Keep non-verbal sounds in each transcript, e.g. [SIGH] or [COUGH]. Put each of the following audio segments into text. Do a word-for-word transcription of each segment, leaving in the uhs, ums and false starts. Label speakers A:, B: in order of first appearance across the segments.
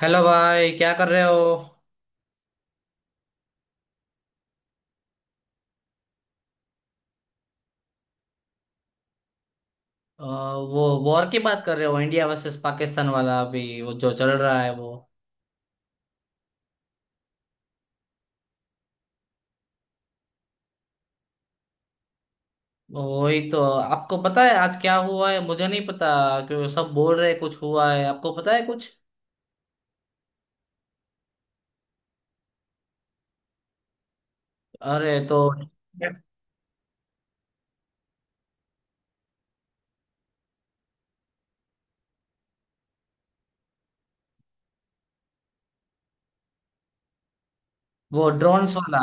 A: Hello भाई, क्या कर रहे हो। अ, वो वॉर की बात कर रहे हो, इंडिया वर्सेस पाकिस्तान वाला, अभी वो जो चल रहा है वो। वही तो, आपको पता है आज क्या हुआ है? मुझे नहीं पता, क्योंकि सब बोल रहे कुछ हुआ है। आपको पता है कुछ? अरे तो वो ड्रोन्स वाला।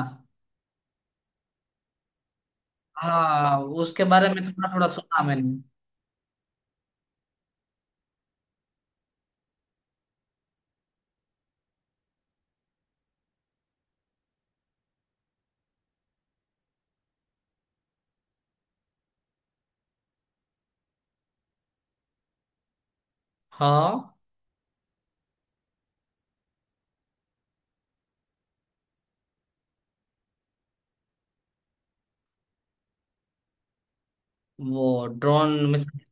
A: हाँ, उसके बारे में थोड़ा थोड़ा सुना मैंने। हाँ, वो ड्रोन मिसाइल।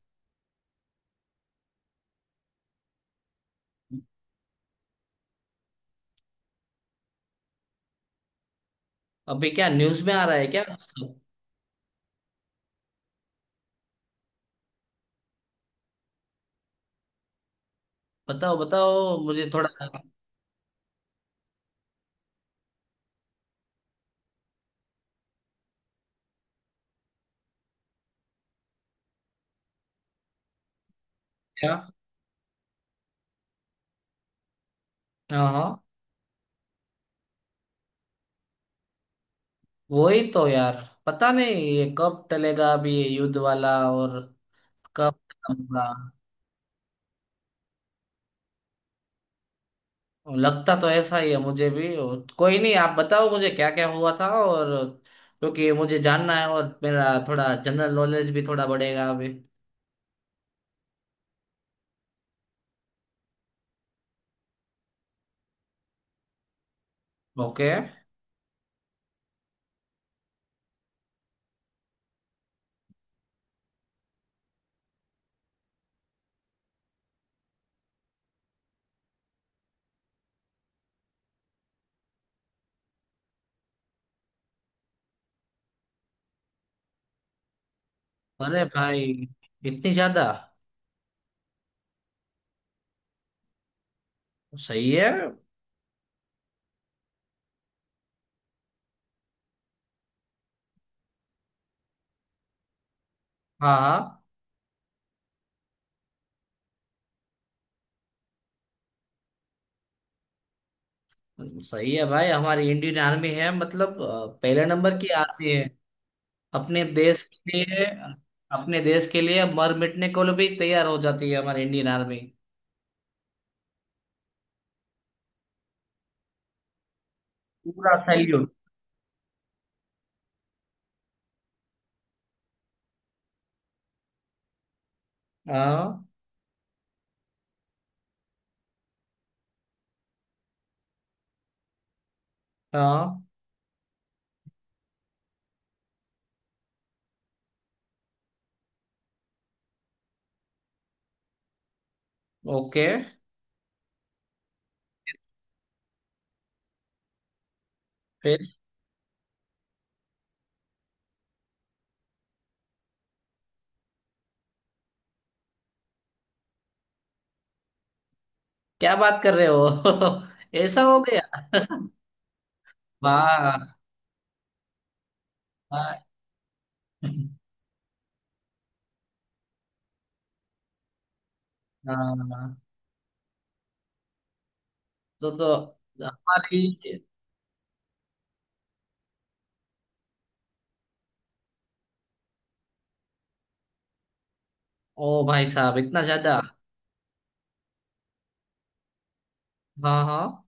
A: अभी क्या न्यूज में आ रहा है क्या? बताओ बताओ मुझे थोड़ा। क्या? हाँ हाँ। वही तो यार, पता नहीं ये कब टलेगा अभी ये युद्ध वाला, और कब खत्म होगा। लगता तो ऐसा ही है मुझे भी, और कोई नहीं, आप बताओ मुझे क्या क्या हुआ था और। क्योंकि मुझे जानना है, और मेरा थोड़ा जनरल नॉलेज भी थोड़ा बढ़ेगा अभी। ओके। अरे भाई, इतनी ज्यादा। सही है। हाँ हाँ। सही है भाई, हमारी इंडियन आर्मी है मतलब अ, पहले नंबर की आर्मी। अपने देश के लिए। अपने देश के लिए मर मिटने को भी तैयार हो जाती है हमारी इंडियन आर्मी। पूरा सैल्यूट। हाँ हाँ। ओके। फिर। क्या बात कर रहे हो [LAUGHS] ऐसा हो गया। वाह। वाह, हाँ। तो तो हमारी। ओ भाई साहब, इतना ज्यादा। हाँ हाँ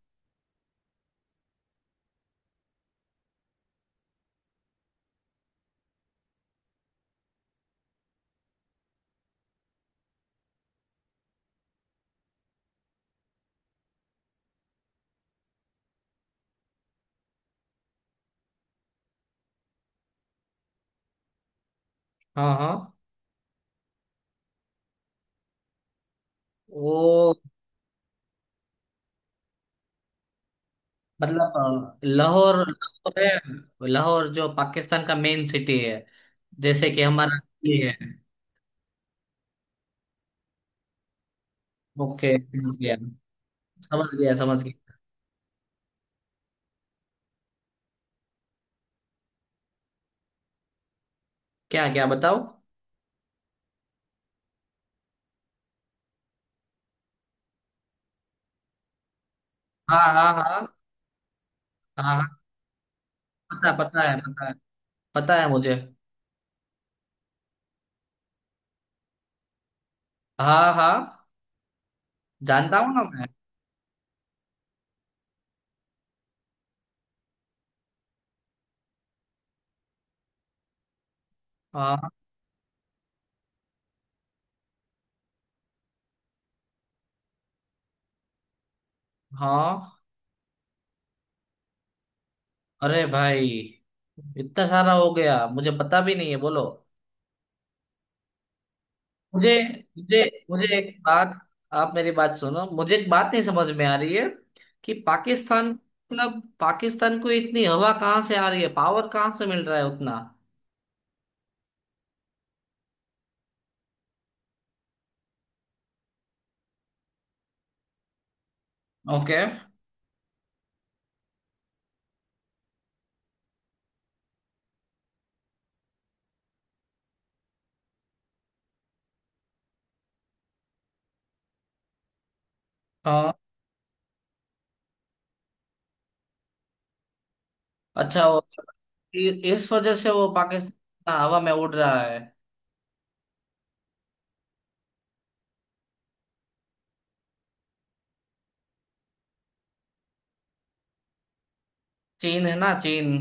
A: हाँ हाँ। वो मतलब, लाहौर, लाहौर है, लाहौर जो पाकिस्तान का मेन सिटी है, जैसे कि हमारा दिल्ली। ओके, समझ गया। समझ गया समझ गया। क्या क्या बताओ। हाँ हाँ हाँ। हाँ हाँ, पता पता है, पता है। पता है मुझे। हाँ हाँ। जानता हूँ ना मैं। हाँ हाँ। अरे भाई, इतना सारा हो गया, मुझे पता भी नहीं है, बोलो। मुझे मुझे मुझे एक बात, आप मेरी बात सुनो, मुझे एक बात नहीं समझ में आ रही है, कि पाकिस्तान, मतलब पाकिस्तान को इतनी हवा कहाँ से आ रही है, पावर कहाँ से मिल रहा है उतना। ओके। हाँ। अच्छा, इ- इस वजह से वो पाकिस्तान ना हवा में उड़ रहा है। चीन है ना, चीन।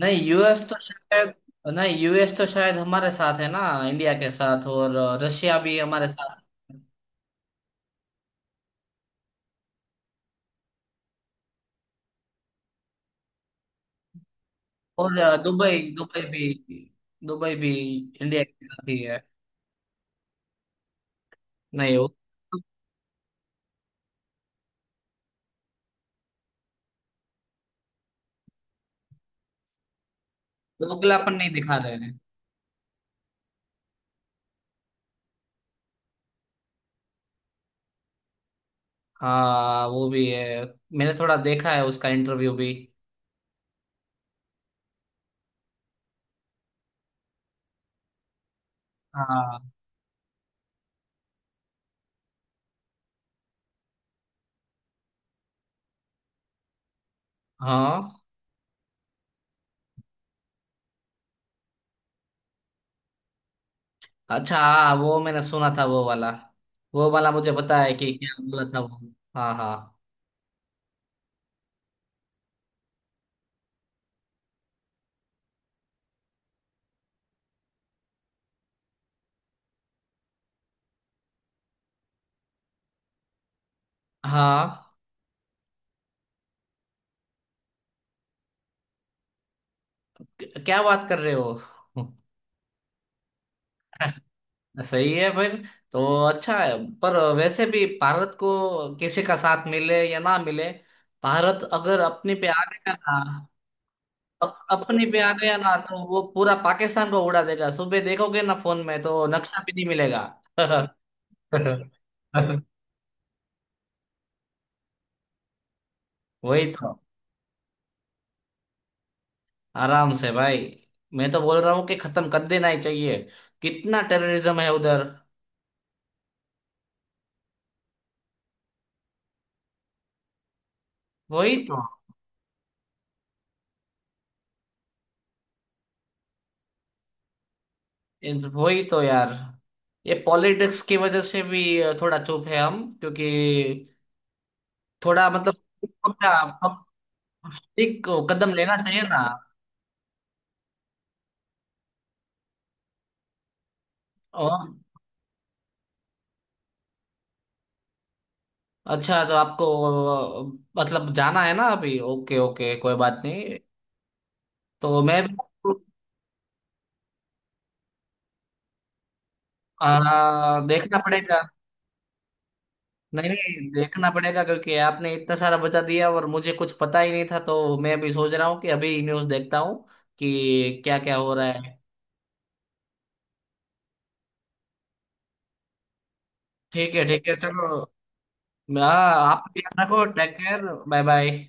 A: नहीं, यूएस तो शायद। नहीं, यूएस तो शायद हमारे साथ है ना, इंडिया के साथ। और रशिया भी हमारे साथ। और अ, दुबई, दुबई भी दुबई भी इंडिया के साथ ही है। नहीं वो दोगलापन नहीं दिखा रहे हैं। हाँ वो भी है, मैंने थोड़ा देखा है उसका इंटरव्यू भी। हाँ हाँ। अच्छा हाँ, वो मैंने सुना था, वो वाला। वो वाला मुझे पता है कि क्या बोला था वो। हाँ हाँ हाँ। क्या बात कर रहे हो [LAUGHS] सही है फिर, तो अच्छा है। पर वैसे भी भारत को किसी का साथ मिले या ना मिले, भारत अगर अपने पे आ गया ना, अप, अपने पे आ गया ना तो वो पूरा पाकिस्तान को उड़ा देगा, सुबह देखोगे ना फोन में तो नक्शा भी नहीं मिलेगा [LAUGHS] वही तो। आराम से भाई, मैं तो बोल रहा हूँ कि खत्म कर देना ही चाहिए, कितना टेररिज्म है उधर। वही तो। इन वही तो यार, ये पॉलिटिक्स की वजह से भी थोड़ा चुप है हम, क्योंकि थोड़ा मतलब, क्या, हम एक कदम लेना चाहिए ना। और अच्छा, तो आपको अ, मतलब जाना है ना अभी, ओके ओके कोई बात नहीं। तो मैं आ, देखना पड़ेगा। नहीं नहीं, देखना पड़ेगा क्योंकि आपने इतना सारा बता दिया और मुझे कुछ पता ही नहीं था, तो मैं भी सोच रहा हूँ कि अभी न्यूज़ देखता हूँ कि क्या क्या हो रहा है। ठीक है ठीक है, चलो। हाँ, आप भी अपना को टेक केयर। Bye bye.